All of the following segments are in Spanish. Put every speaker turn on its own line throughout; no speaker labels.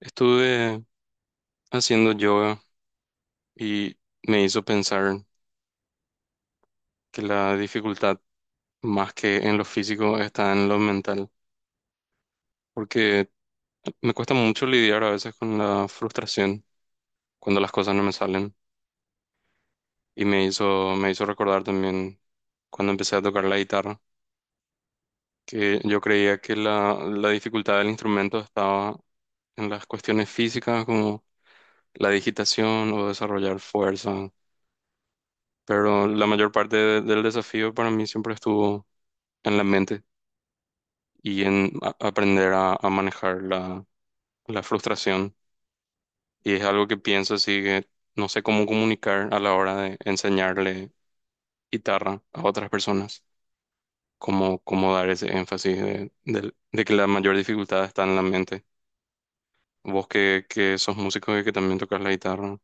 Estuve haciendo yoga y me hizo pensar que la dificultad más que en lo físico está en lo mental, porque me cuesta mucho lidiar a veces con la frustración cuando las cosas no me salen y me hizo recordar también cuando empecé a tocar la guitarra, que yo creía que la dificultad del instrumento estaba en las cuestiones físicas como la digitación o desarrollar fuerza, pero la mayor parte del desafío para mí siempre estuvo en la mente y en aprender a manejar la frustración. Y es algo que pienso así que no sé cómo comunicar a la hora de enseñarle guitarra a otras personas, cómo dar ese énfasis de que la mayor dificultad está en la mente. Vos que sos músico y que también tocas la guitarra,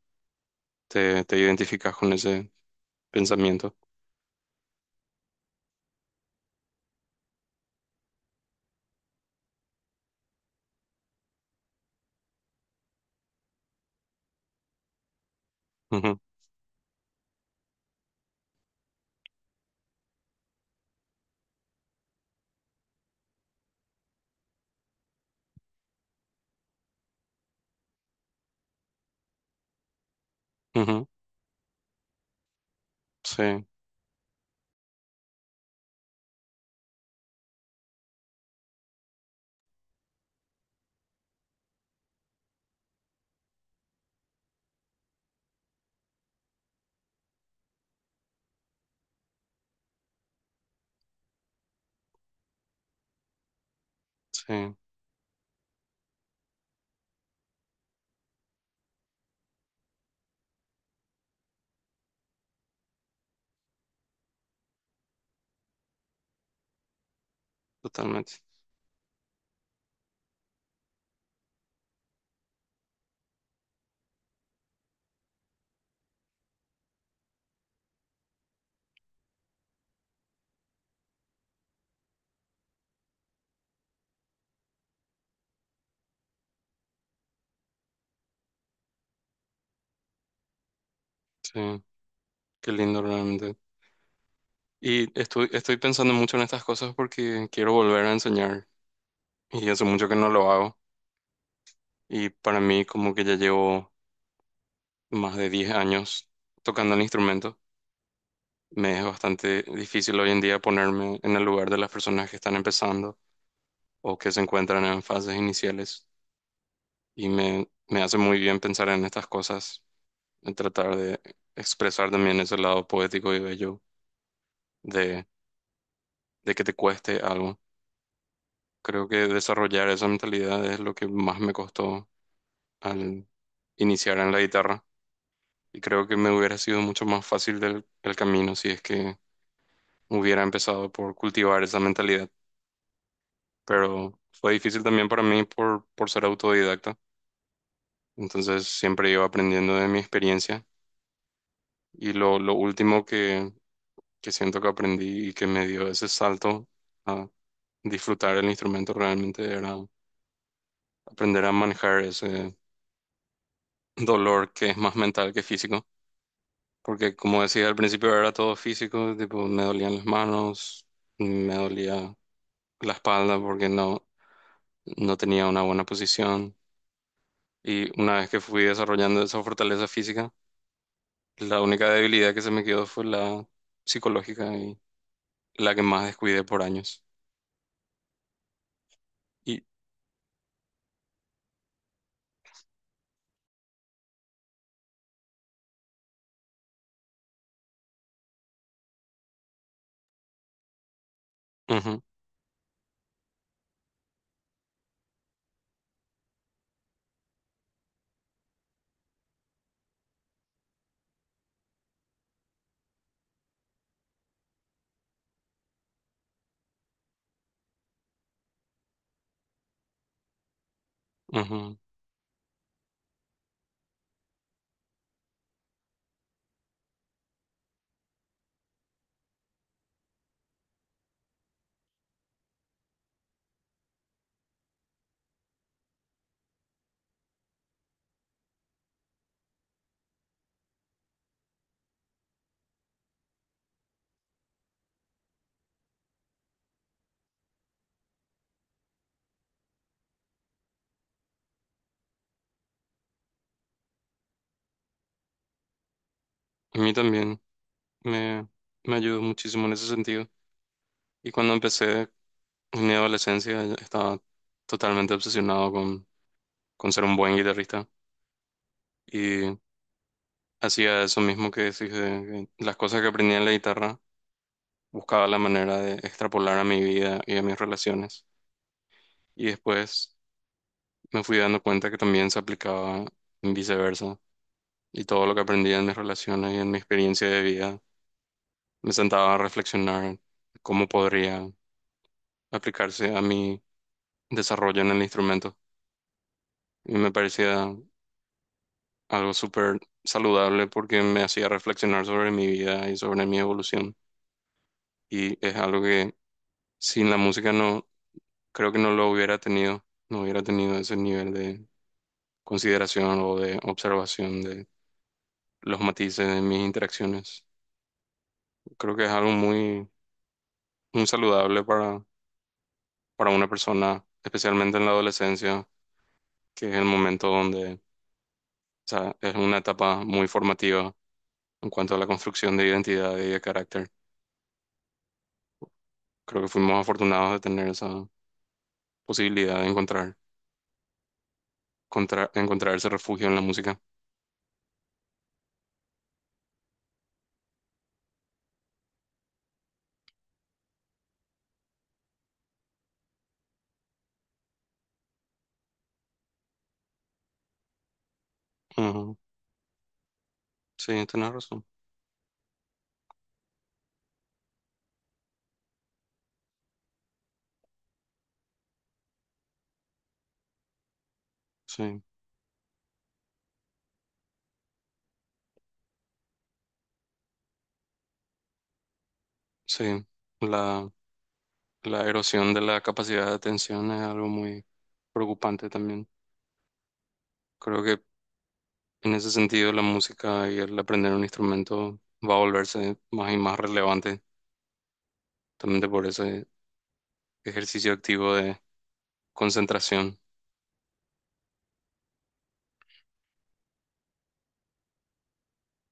te identificas con ese pensamiento. Ujú, ujú. Sí, sí, totalmente. Sí, qué lindo realmente. Y estoy pensando mucho en estas cosas porque quiero volver a enseñar y hace mucho que no lo hago. Y para mí como que ya llevo más de 10 años tocando el instrumento. Me es bastante difícil hoy en día ponerme en el lugar de las personas que están empezando o que se encuentran en fases iniciales. Y me hace muy bien pensar en estas cosas, en tratar de expresar también ese lado poético y bello de, de que te cueste algo. Creo que desarrollar esa mentalidad es lo que más me costó al iniciar en la guitarra. Y creo que me hubiera sido mucho más fácil el camino si es que hubiera empezado por cultivar esa mentalidad. Pero fue difícil también para mí por ser autodidacta. Entonces siempre iba aprendiendo de mi experiencia. Y lo último que siento que aprendí y que me dio ese salto a disfrutar el instrumento realmente era aprender a manejar ese dolor que es más mental que físico. Porque como decía al principio era todo físico, tipo me dolían las manos, me dolía la espalda porque no, no tenía una buena posición. Y una vez que fui desarrollando esa fortaleza física, la única debilidad que se me quedó fue la psicológica y la que más descuidé por años. Y ujú, ujú. A mí también me, me ayudó muchísimo en ese sentido. Y cuando empecé en mi adolescencia estaba totalmente obsesionado con ser un buen guitarrista. Y hacía eso mismo que decís, de las cosas que aprendí en la guitarra, buscaba la manera de extrapolar a mi vida y a mis relaciones. Y después me fui dando cuenta que también se aplicaba en viceversa. Y todo lo que aprendí en mis relaciones y en mi experiencia de vida, me sentaba a reflexionar cómo podría aplicarse a mi desarrollo en el instrumento. Y me parecía algo súper saludable porque me hacía reflexionar sobre mi vida y sobre mi evolución. Y es algo que sin la música creo que no lo hubiera tenido, no hubiera tenido ese nivel de consideración o de observación de los matices de mis interacciones. Creo que es algo muy saludable para una persona, especialmente en la adolescencia, que es el momento donde, o sea, es una etapa muy formativa en cuanto a la construcción de identidad y de carácter. Creo que fuimos afortunados de tener esa posibilidad de encontrar, encontrar ese refugio en la música. Ujú. Sí, tenés razón. Sí, sí. La, la erosión de la capacidad de atención es algo muy preocupante también. Creo que en ese sentido la música y el aprender un instrumento va a volverse más y más relevante, también por ese ejercicio activo de concentración.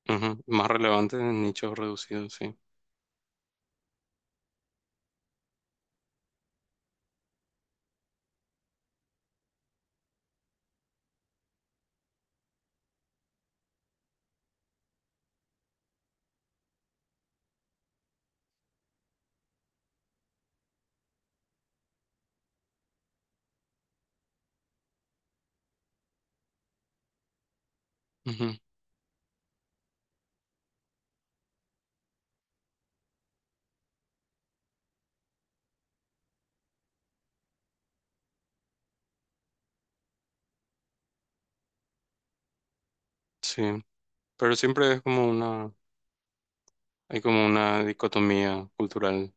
Ujú. Más relevante en nichos reducidos, sí. Ujú. Sí, pero siempre es como hay como una dicotomía cultural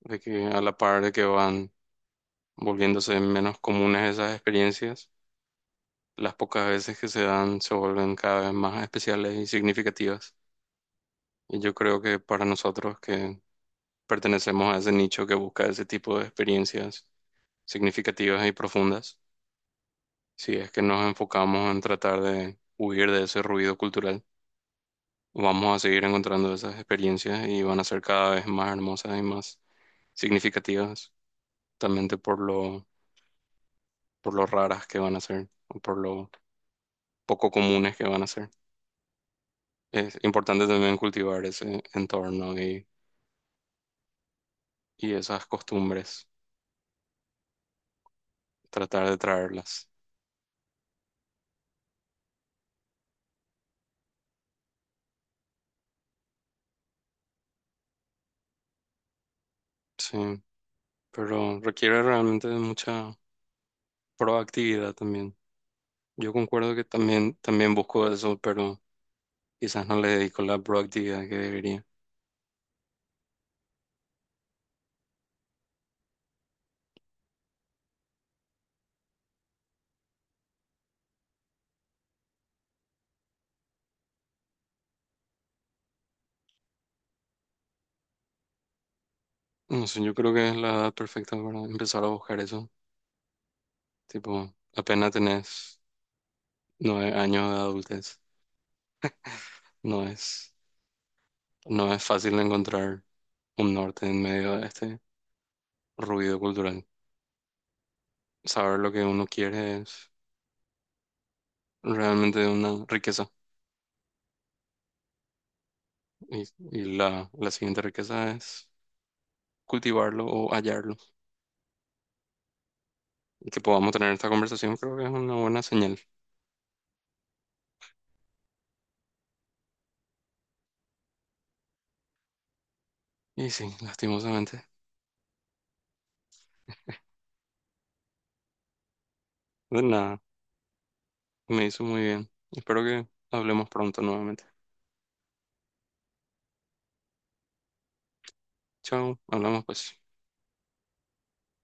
de que a la par de que van volviéndose menos comunes esas experiencias, las pocas veces que se dan se vuelven cada vez más especiales y significativas. Y yo creo que para nosotros que pertenecemos a ese nicho que busca ese tipo de experiencias significativas y profundas, si es que nos enfocamos en tratar de huir de ese ruido cultural, vamos a seguir encontrando esas experiencias y van a ser cada vez más hermosas y más significativas, justamente por por lo raras que van a ser o por lo poco comunes que van a ser. Es importante también cultivar ese entorno y esas costumbres, tratar de traerlas. Sí, pero requiere realmente de mucha proactividad también. Yo concuerdo que también busco eso, pero quizás no le dedico la proactividad que debería. No sé, yo creo que es la edad perfecta para empezar a buscar eso. Tipo, apenas tenés 9 años de adultez, no es, no es fácil encontrar un norte en medio de este ruido cultural. Saber lo que uno quiere es realmente una riqueza. Y, y la siguiente riqueza es cultivarlo o hallarlo. Y que podamos tener esta conversación creo que es una buena señal. Y sí, lastimosamente. De nada, me hizo muy bien. Espero que hablemos pronto nuevamente. Chao, hablamos pues.